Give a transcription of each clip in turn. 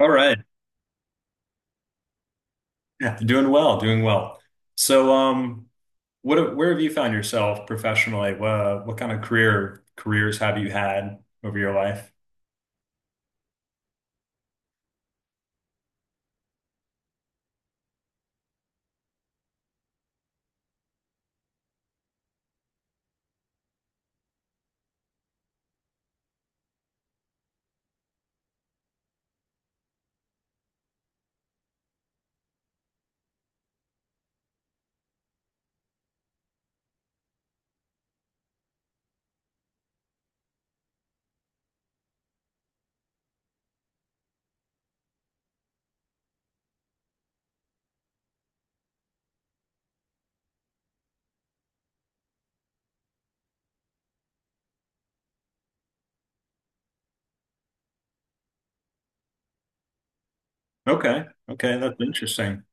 All right. Yeah, doing well, doing well. So, um, what where have you found yourself professionally? What kind of careers have you had over your life? Okay, okay, that's interesting.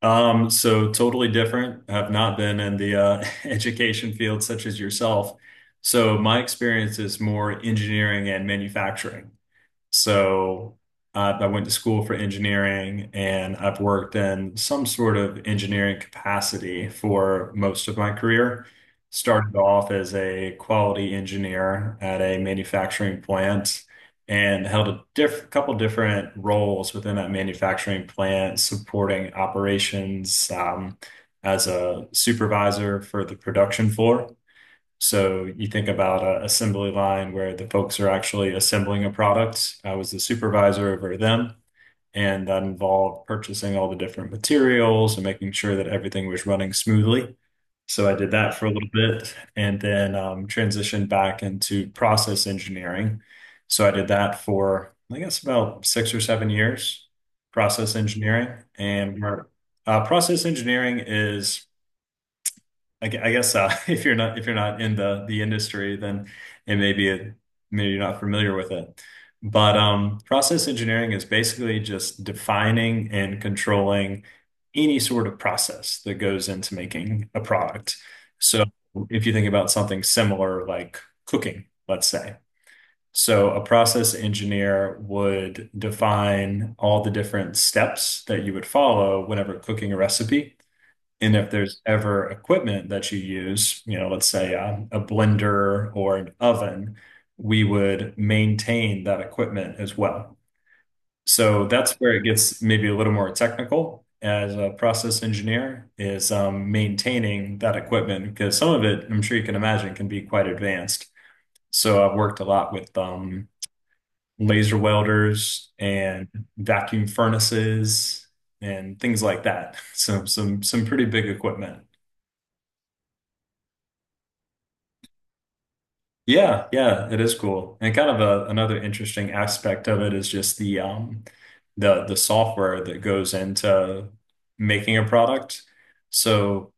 So totally different. Have not been in the education field such as yourself. So my experience is more engineering and manufacturing. So I went to school for engineering, and I've worked in some sort of engineering capacity for most of my career. Started off as a quality engineer at a manufacturing plant and held a diff couple different roles within that manufacturing plant, supporting operations as a supervisor for the production floor. So you think about an assembly line where the folks are actually assembling a product. I was the supervisor over them, and that involved purchasing all the different materials and making sure that everything was running smoothly. So I did that for a little bit, and then transitioned back into process engineering. So I did that for, I guess, about 6 or 7 years, process engineering. Process engineering is I guess, if you're not in the industry, then it may be a, maybe you're not familiar with it. But process engineering is basically just defining and controlling any sort of process that goes into making a product. So if you think about something similar, like cooking, let's say. So a process engineer would define all the different steps that you would follow whenever cooking a recipe. And if there's ever equipment that you use, you know, let's say a blender or an oven, we would maintain that equipment as well. So that's where it gets maybe a little more technical as a process engineer, is maintaining that equipment because some of it, I'm sure you can imagine, can be quite advanced. So I've worked a lot with laser welders and vacuum furnaces and things like that. So some pretty big equipment. Yeah, yeah, it is cool. And kind of a, another interesting aspect of it is just the software that goes into making a product. So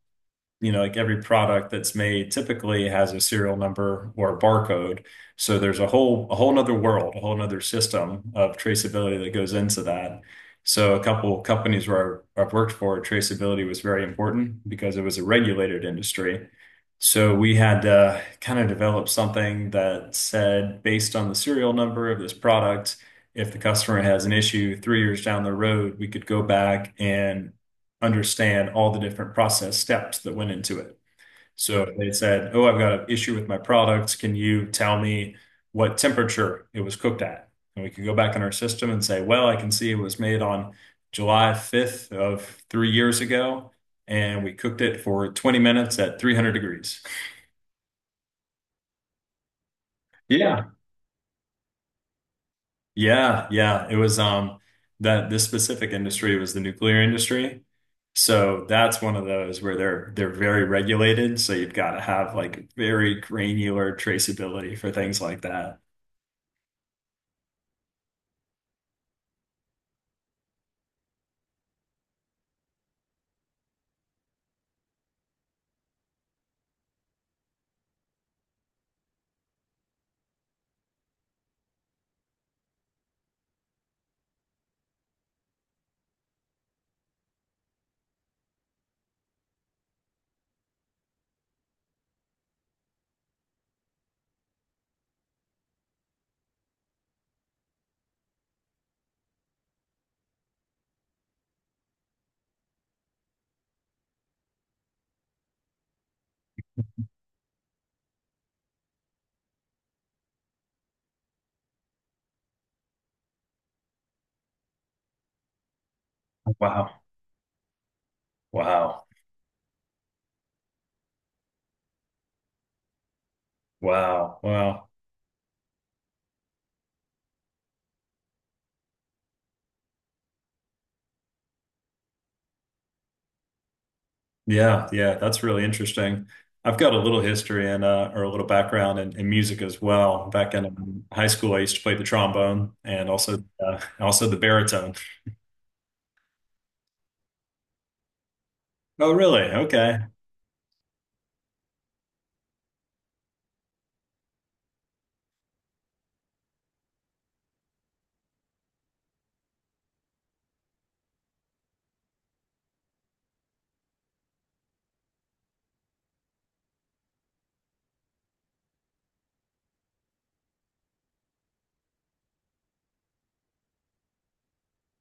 you know, like every product that's made typically has a serial number or a barcode. So there's a whole nother world, a whole nother system of traceability that goes into that. So a couple companies where I've worked for, traceability was very important because it was a regulated industry. So we had to kind of develop something that said, based on the serial number of this product, if the customer has an issue 3 years down the road, we could go back and understand all the different process steps that went into it. So if they said, "Oh, I've got an issue with my product. Can you tell me what temperature it was cooked at?" And we could go back in our system and say, "Well, I can see it was made on July 5th of 3 years ago, and we cooked it for 20 minutes at 300 degrees." Yeah. Yeah, yeah. It was that this specific industry was the nuclear industry. So that's one of those where they're very regulated, so you've got to have like very granular traceability for things like that. Wow. Wow. Wow. Wow. Yeah, yeah, that's really interesting. I've got a little history and or a little background in music as well. Back in high school, I used to play the trombone and also also the baritone. Oh, really? Okay.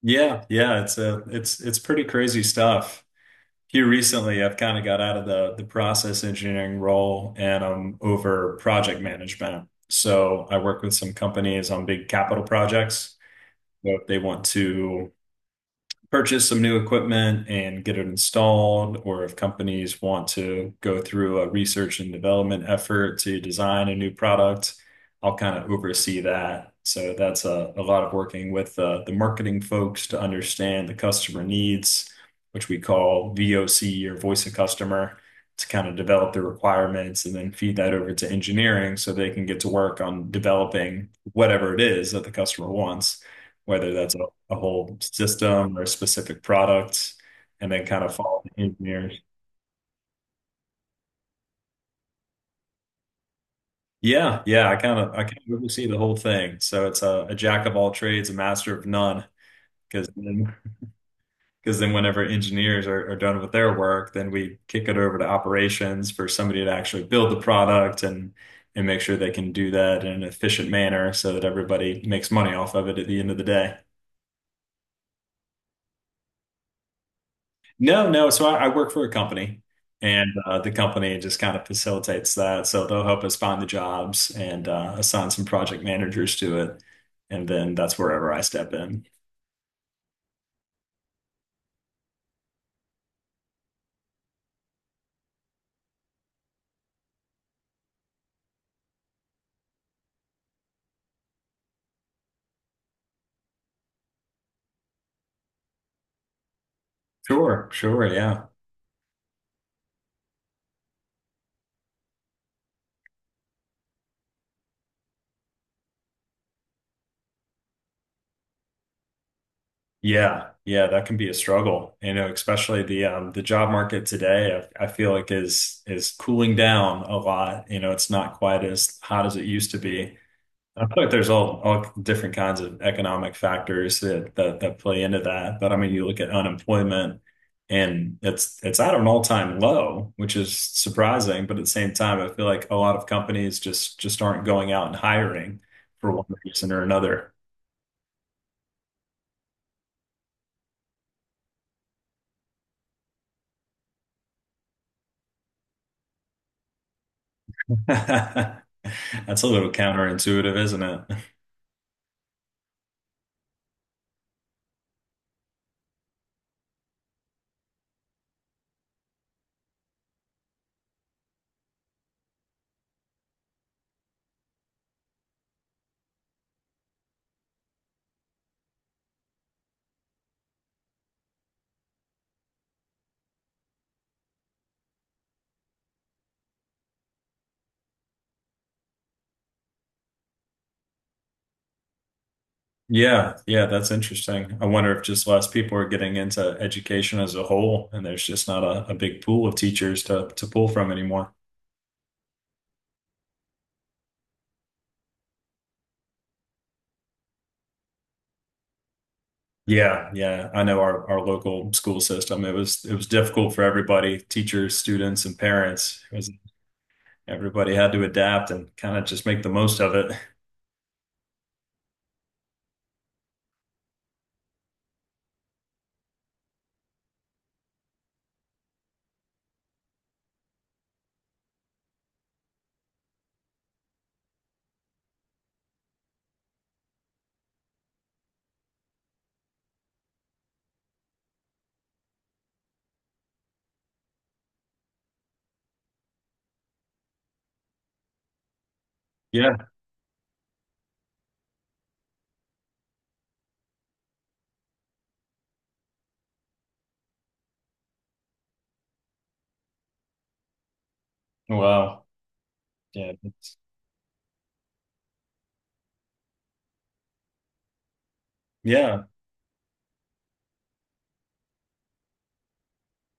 Yeah, yeah, it's a it's pretty crazy stuff. Here recently, I've kind of got out of the process engineering role, and I'm over project management. So I work with some companies on big capital projects. So if they want to purchase some new equipment and get it installed, or if companies want to go through a research and development effort to design a new product, I'll kind of oversee that. So that's a lot of working with the marketing folks to understand the customer needs, which we call VOC, or voice of customer, to kind of develop the requirements and then feed that over to engineering so they can get to work on developing whatever it is that the customer wants, whether that's a whole system or a specific product, and then kind of follow the engineers. Yeah, yeah, I kind of oversee the whole thing. So it's a jack of all trades, a master of none, because then because then whenever engineers are done with their work, then we kick it over to operations for somebody to actually build the product and make sure they can do that in an efficient manner so that everybody makes money off of it at the end of the day. No, no. So I work for a company, and the company just kind of facilitates that. So they'll help us find the jobs and assign some project managers to it, and then that's wherever I step in. Sure, sure, yeah, yeah, yeah. That can be a struggle, you know, especially the job market today. I feel like is cooling down a lot. You know, it's not quite as hot as it used to be. I feel like there's all different kinds of economic factors that that play into that. But I mean, you look at unemployment, and it's at an all-time low, which is surprising. But at the same time, I feel like a lot of companies just aren't going out and hiring for one reason or another. That's a little counterintuitive, isn't it? Yeah, yeah, that's interesting. I wonder if just less people are getting into education as a whole, and there's just not a, a big pool of teachers to pull from anymore. Yeah, yeah. I know our local school system. It was difficult for everybody, teachers, students, and parents. It was everybody had to adapt and kind of just make the most of it. Yeah. Wow. Yeah. that's- Yeah,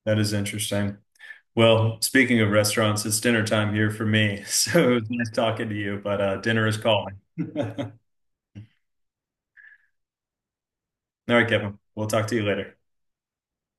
that is interesting. Well, speaking of restaurants, it's dinner time here for me. So it was nice talking to you, but dinner is calling. All right, Kevin. We'll talk to you later.